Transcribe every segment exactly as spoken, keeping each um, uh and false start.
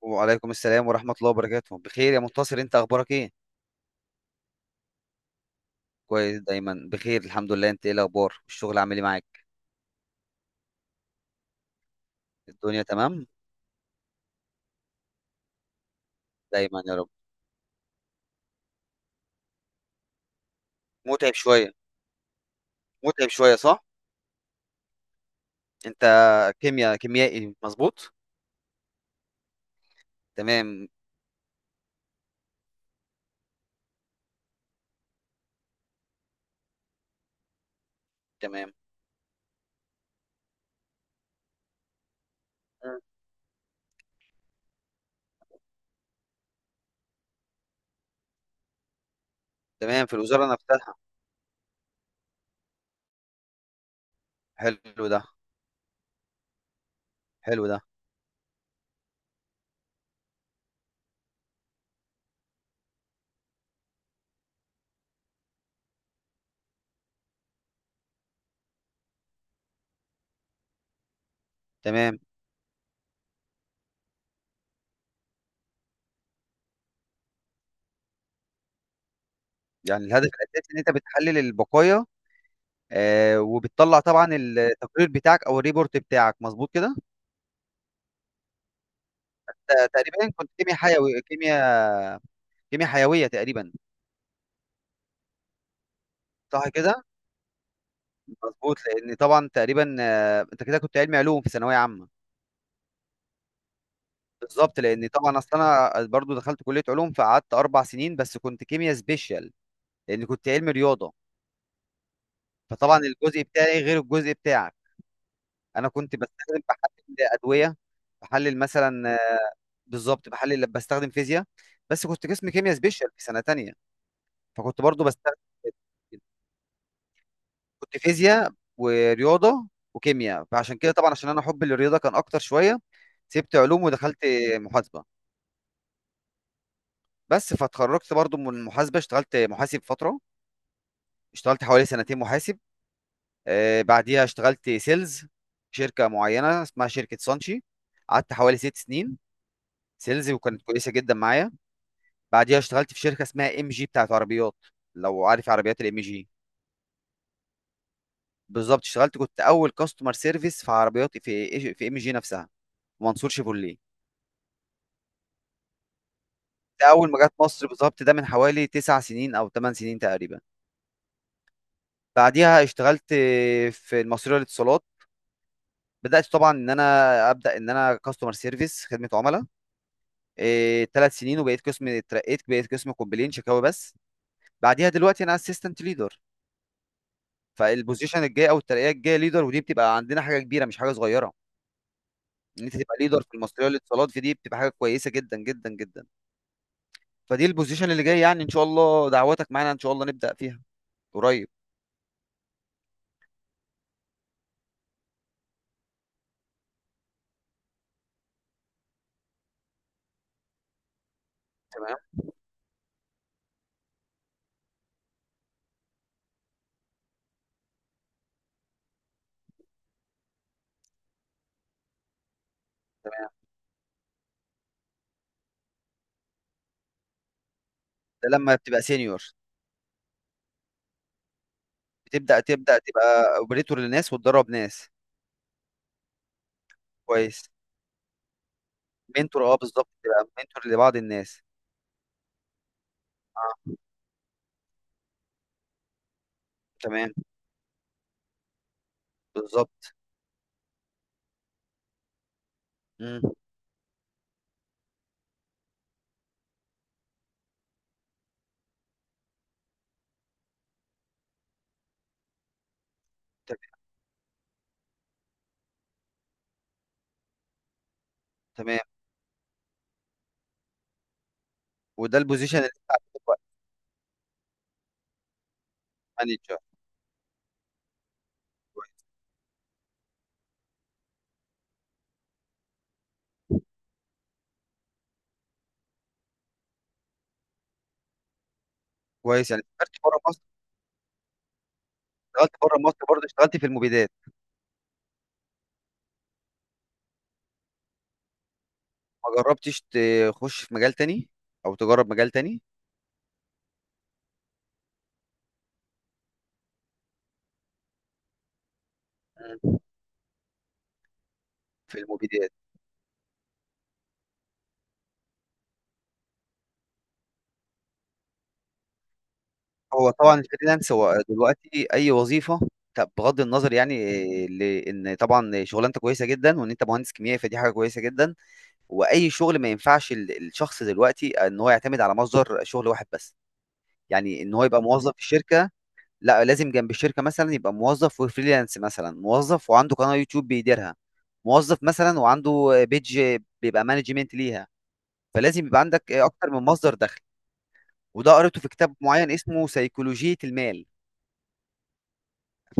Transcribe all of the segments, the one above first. وعليكم السلام ورحمة الله وبركاته. بخير يا منتصر، انت اخبارك ايه؟ كويس، دايما بخير الحمد لله. انت ايه الاخبار؟ الشغل عامل ايه معاك؟ الدنيا تمام. دايما يا رب. متعب شوية. متعب شوية صح. انت كيمياء كيميائي مظبوط. تمام تمام. مم. تمام، في الوزارة نفسها؟ حلو ده. حلو ده. تمام، يعني الهدف الاساسي ان انت بتحلل البقايا. آه، وبتطلع طبعا التقرير بتاعك او الريبورت بتاعك مظبوط كده. ت- تقريبا كنت كيمياء حيوي كيمياء كيمياء حيوية تقريبا. صح كده. مظبوط، لان طبعا تقريبا آه، انت كده كنت علمي علوم في ثانويه عامه. بالظبط، لان طبعا اصل انا برضو دخلت كليه علوم فقعدت اربع سنين، بس كنت كيمياء سبيشال. لان كنت علمي رياضه. فطبعا الجزء بتاعي غير الجزء بتاعك. انا كنت بستخدم بحلل ادويه. بحلل مثلا آه، بالظبط بحلل بستخدم فيزياء. بس كنت قسم كيمياء سبيشال في سنه تانية. فكنت برضو بستخدم، كنت فيزياء ورياضه وكيمياء. فعشان كده طبعا عشان انا حبي للرياضه كان اكتر شويه. سبت علوم ودخلت محاسبه. بس فاتخرجت برضو من المحاسبه اشتغلت محاسب فتره. اشتغلت حوالي سنتين محاسب. آه، بعديها اشتغلت سيلز في شركه معينه اسمها شركه سانشي. قعدت حوالي ست سنين سيلز، وكانت كويسه جدا معايا. بعديها اشتغلت في شركه اسمها ام جي بتاعت عربيات، لو عارف عربيات الام جي. بالظبط، اشتغلت كنت اول كاستمر سيرفيس في عربيات في في ام جي نفسها، منصور شيفروليه. ده اول ما جت مصر بالظبط، ده من حوالي تسع سنين او ثمان سنين تقريبا. بعديها اشتغلت في المصرية للاتصالات. بدات طبعا ان انا ابدا ان انا كاستمر سيرفيس خدمه عملاء، إيه ثلاث سنين، وبقيت قسم، اترقيت بقيت قسم كومبلين شكاوي بس. بعديها دلوقتي انا اسيستنت ليدر. فالبوزيشن الجاي او الترقيه الجايه ليدر، ودي بتبقى عندنا حاجه كبيره مش حاجه صغيره. ان انت تبقى ليدر في المصريه للاتصالات، في دي بتبقى حاجه كويسه جدا جدا جدا. فدي البوزيشن اللي جاي، يعني ان شاء الله دعواتك معانا ان شاء الله نبدا فيها قريب. تمام. تمام، ده لما بتبقى سينيور بتبدا تبدا تبقى اوبريتور للناس وتدرب ناس. كويس. منتور، اه بالظبط، تبقى منتور لبعض الناس. تمام. بالظبط. امم. تمام. تمام، وده البوزيشن اللي انت عارفه دلوقتي؟ مانجر. كويس. كويس، يعني سافرت بره مصر؟ اشتغلت بره مصر، برضه اشتغلت في المبيدات؟ ما جربتش تخش في مجال تاني، او تجرب مجال تاني؟ مم. في المبيدات. هو طبعا الفريلانس هو دلوقتي اي وظيفه. طب بغض النظر، يعني إيه، لان طبعا شغلانتك كويسه جدا، وان انت مهندس كيميائي فدي حاجه كويسه جدا. واي شغل ما ينفعش ال- الشخص دلوقتي ان هو يعتمد على مصدر شغل واحد بس. يعني ان هو يبقى موظف في الشركه، لا لازم جنب الشركه مثلا يبقى موظف وفريلانس، مثلا موظف وعنده قناه يوتيوب بيديرها، موظف مثلا وعنده بيج بيبقى مانجمنت ليها. فلازم يبقى عندك اكتر من مصدر دخل. وده قريته في كتاب معين اسمه سيكولوجية المال.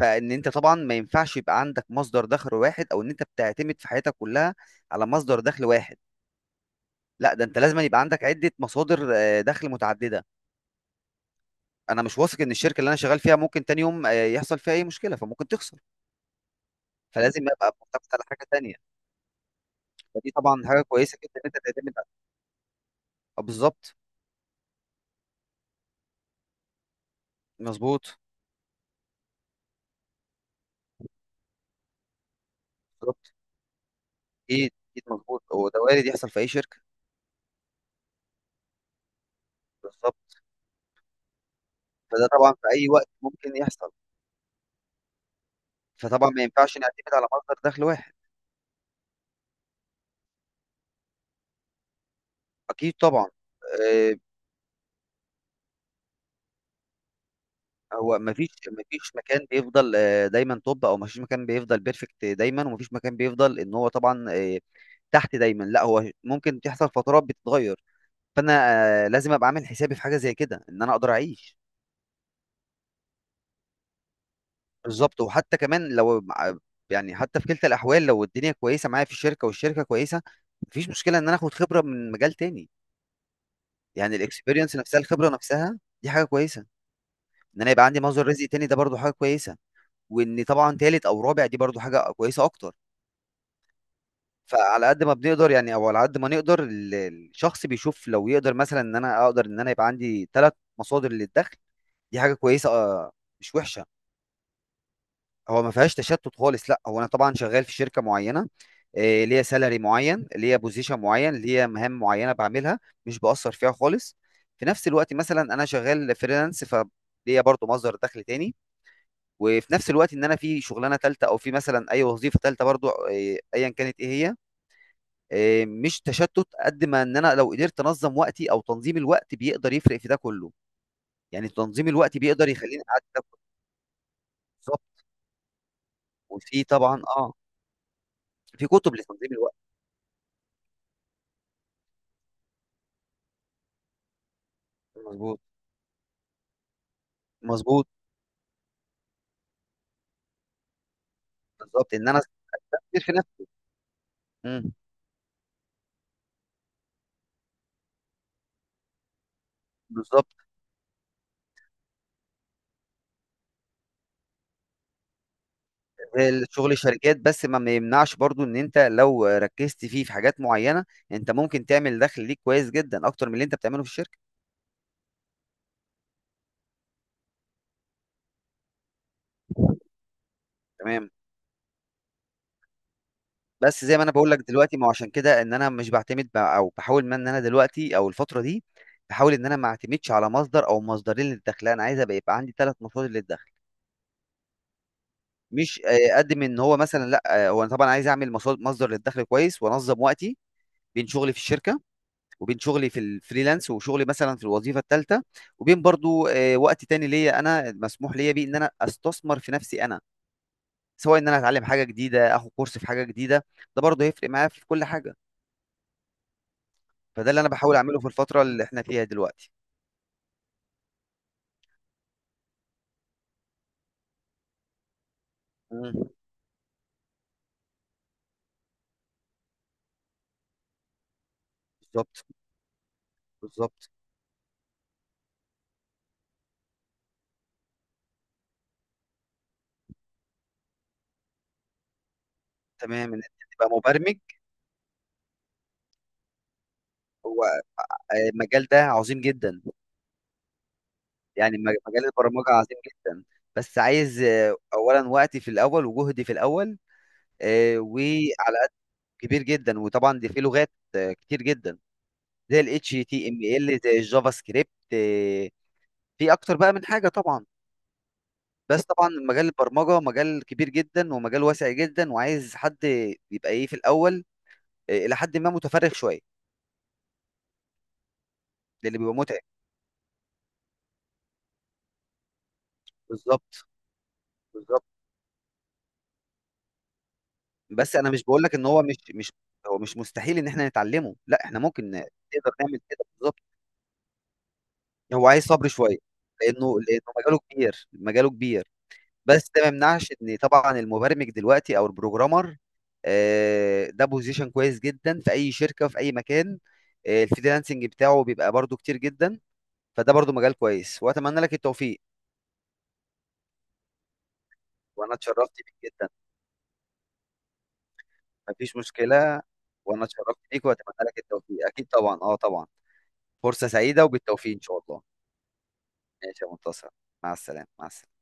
فان انت طبعا ما ينفعش يبقى عندك مصدر دخل واحد، او ان انت بتعتمد في حياتك كلها على مصدر دخل واحد. لا، ده انت لازم يبقى عندك عدة مصادر آه، دخل متعددة. انا مش واثق ان الشركة اللي انا شغال فيها ممكن تاني يوم آه، يحصل فيها اي مشكلة، فممكن تخسر. فلازم ابقى معتمد على حاجة تانية. فدي طبعا حاجه كويسه جدا ان انت تعتمد على، آه، بالظبط. مظبوط. بالظبط. اكيد اكيد، مظبوط، هو ده وارد يحصل في اي شركه. بالظبط. فده طبعا في اي وقت ممكن يحصل. فطبعا ما ينفعش نعتمد على مصدر دخل واحد. اكيد طبعا. آه، هو ما فيش ما فيش مكان بيفضل آه، دايما توب، او ما فيش مكان بيفضل بيرفكت دايما، وما فيش مكان بيفضل ان هو طبعا آه، تحت دايما. لا هو ممكن تحصل فترات بتتغير. فانا آه، لازم ابقى عامل حسابي في حاجه زي كده ان انا اقدر اعيش. بالظبط. وحتى كمان لو مع- يعني حتى في كلتا الاحوال، لو الدنيا كويسه معايا في الشركه والشركه كويسه، مفيش مشكله ان انا اخد خبره من مجال تاني. يعني الاكسبيرينس نفسها، الخبره نفسها دي حاجه كويسه. ان انا يبقى عندي مصدر رزق تاني ده برضو حاجه كويسه. وان طبعا تالت او رابع، دي برضو حاجه كويسه اكتر. فعلى قد ما بنقدر، يعني او على قد ما نقدر ال- الشخص بيشوف لو يقدر، مثلا ان انا اقدر ان انا يبقى عندي ثلاث مصادر للدخل، دي حاجه كويسه، آه، مش وحشه. هو ما فيهاش تشتت خالص. لا هو انا طبعا شغال في شركه معينه، إيه، ليا سالري معين، ليا بوزيشن معين، ليا مهام معينه بعملها، مش باثر فيها خالص. في نفس الوقت مثلا انا شغال فريلانس، فليا برضو مصدر دخل تاني. وفي نفس الوقت ان انا في شغلانه تالته، او في مثلا اي وظيفه تالته، برضو إيه، ايا كانت ايه هي. إيه، مش تشتت قد ما ان انا لو قدرت انظم وقتي، او تنظيم الوقت بيقدر يفرق في ده كله. يعني تنظيم الوقت بيقدر يخليني قاعد ده. بالظبط. وفي طبعا اه في كتب لتنظيم الوقت. مظبوط. مظبوط. بالظبط، ان انا استثمر في نفسي. امم. بالظبط. الشغل الشركات، بس ما ما يمنعش برضو ان انت لو ركزت فيه في حاجات معينه، انت ممكن تعمل دخل ليك كويس جدا اكتر من اللي انت بتعمله في الشركه. تمام. بس زي ما انا بقول لك دلوقتي، ما هو عشان كده ان انا مش بعتمد ب- او بحاول، ما ان انا دلوقتي او الفتره دي بحاول ان انا ما اعتمدش على مصدر او مصدرين للدخل. لا، انا عايز ابقى يبقى عندي ثلاث مصادر للدخل. مش آه، قد من ان هو مثلا، لا آه، هو انا طبعا عايز اعمل مصاد- مصدر للدخل كويس وانظم وقتي بين شغلي في الشركه، وبين شغلي في الفريلانس، وشغلي مثلا في الوظيفه الثالثه. وبين برضو آه، وقت تاني ليا انا مسموح ليا بيه ان انا استثمر في نفسي انا، سواء ان انا اتعلم حاجه جديده، اخد كورس في حاجه جديده. ده برضو هيفرق معايا في كل حاجه. فده اللي انا بحاول اعمله في الفتره اللي احنا فيها دلوقتي. مم. بالظبط. بالظبط. تمام، ان انت تبقى مبرمج. هو آه، المجال ده عظيم جدا. يعني مج- مجال البرمجه عظيم جدا. بس عايز آه، اولا وقتي في الاول وجهدي في الاول، آه، وعلى، كبير جدا. وطبعا دي في لغات آه، كتير جدا، زي ال H T M L زي الجافا سكريبت، آه، في اكتر بقى من حاجة طبعا. بس طبعا مجال البرمجة مجال كبير جدا ومجال واسع جدا، وعايز حد يبقى ايه في الاول آه، الى حد ما متفرغ شوية، لان بيبقى متعب. بالظبط. بالظبط. بس انا مش بقول لك ان هو مش مش هو مش مستحيل ان احنا نتعلمه. لا، احنا ممكن نقدر نعمل كده بالظبط. هو عايز صبر شوية، لانه لانه مجاله كبير، مجاله كبير. بس ده ما يمنعش إن طبعًا المبرمج دلوقتي أو الprogrammer، آآ، ده position كويس جدًا في أي شركة وفي أي مكان. آآ الfreelancing بتاعه بيبقى برضه كتير جدًا. فده برضه مجال كويس، وأتمنى لك التوفيق. وأنا اتشرفت بيك جدًا. ما فيش مشكلة. وأنا اتشرفت بيك وأتمنى لك التوفيق. أكيد طبعًا، آه طبعًا. فرصة سعيدة وبالتوفيق إن شاء الله. ماشي يا منتصر، مع السلامة، مع السلامة.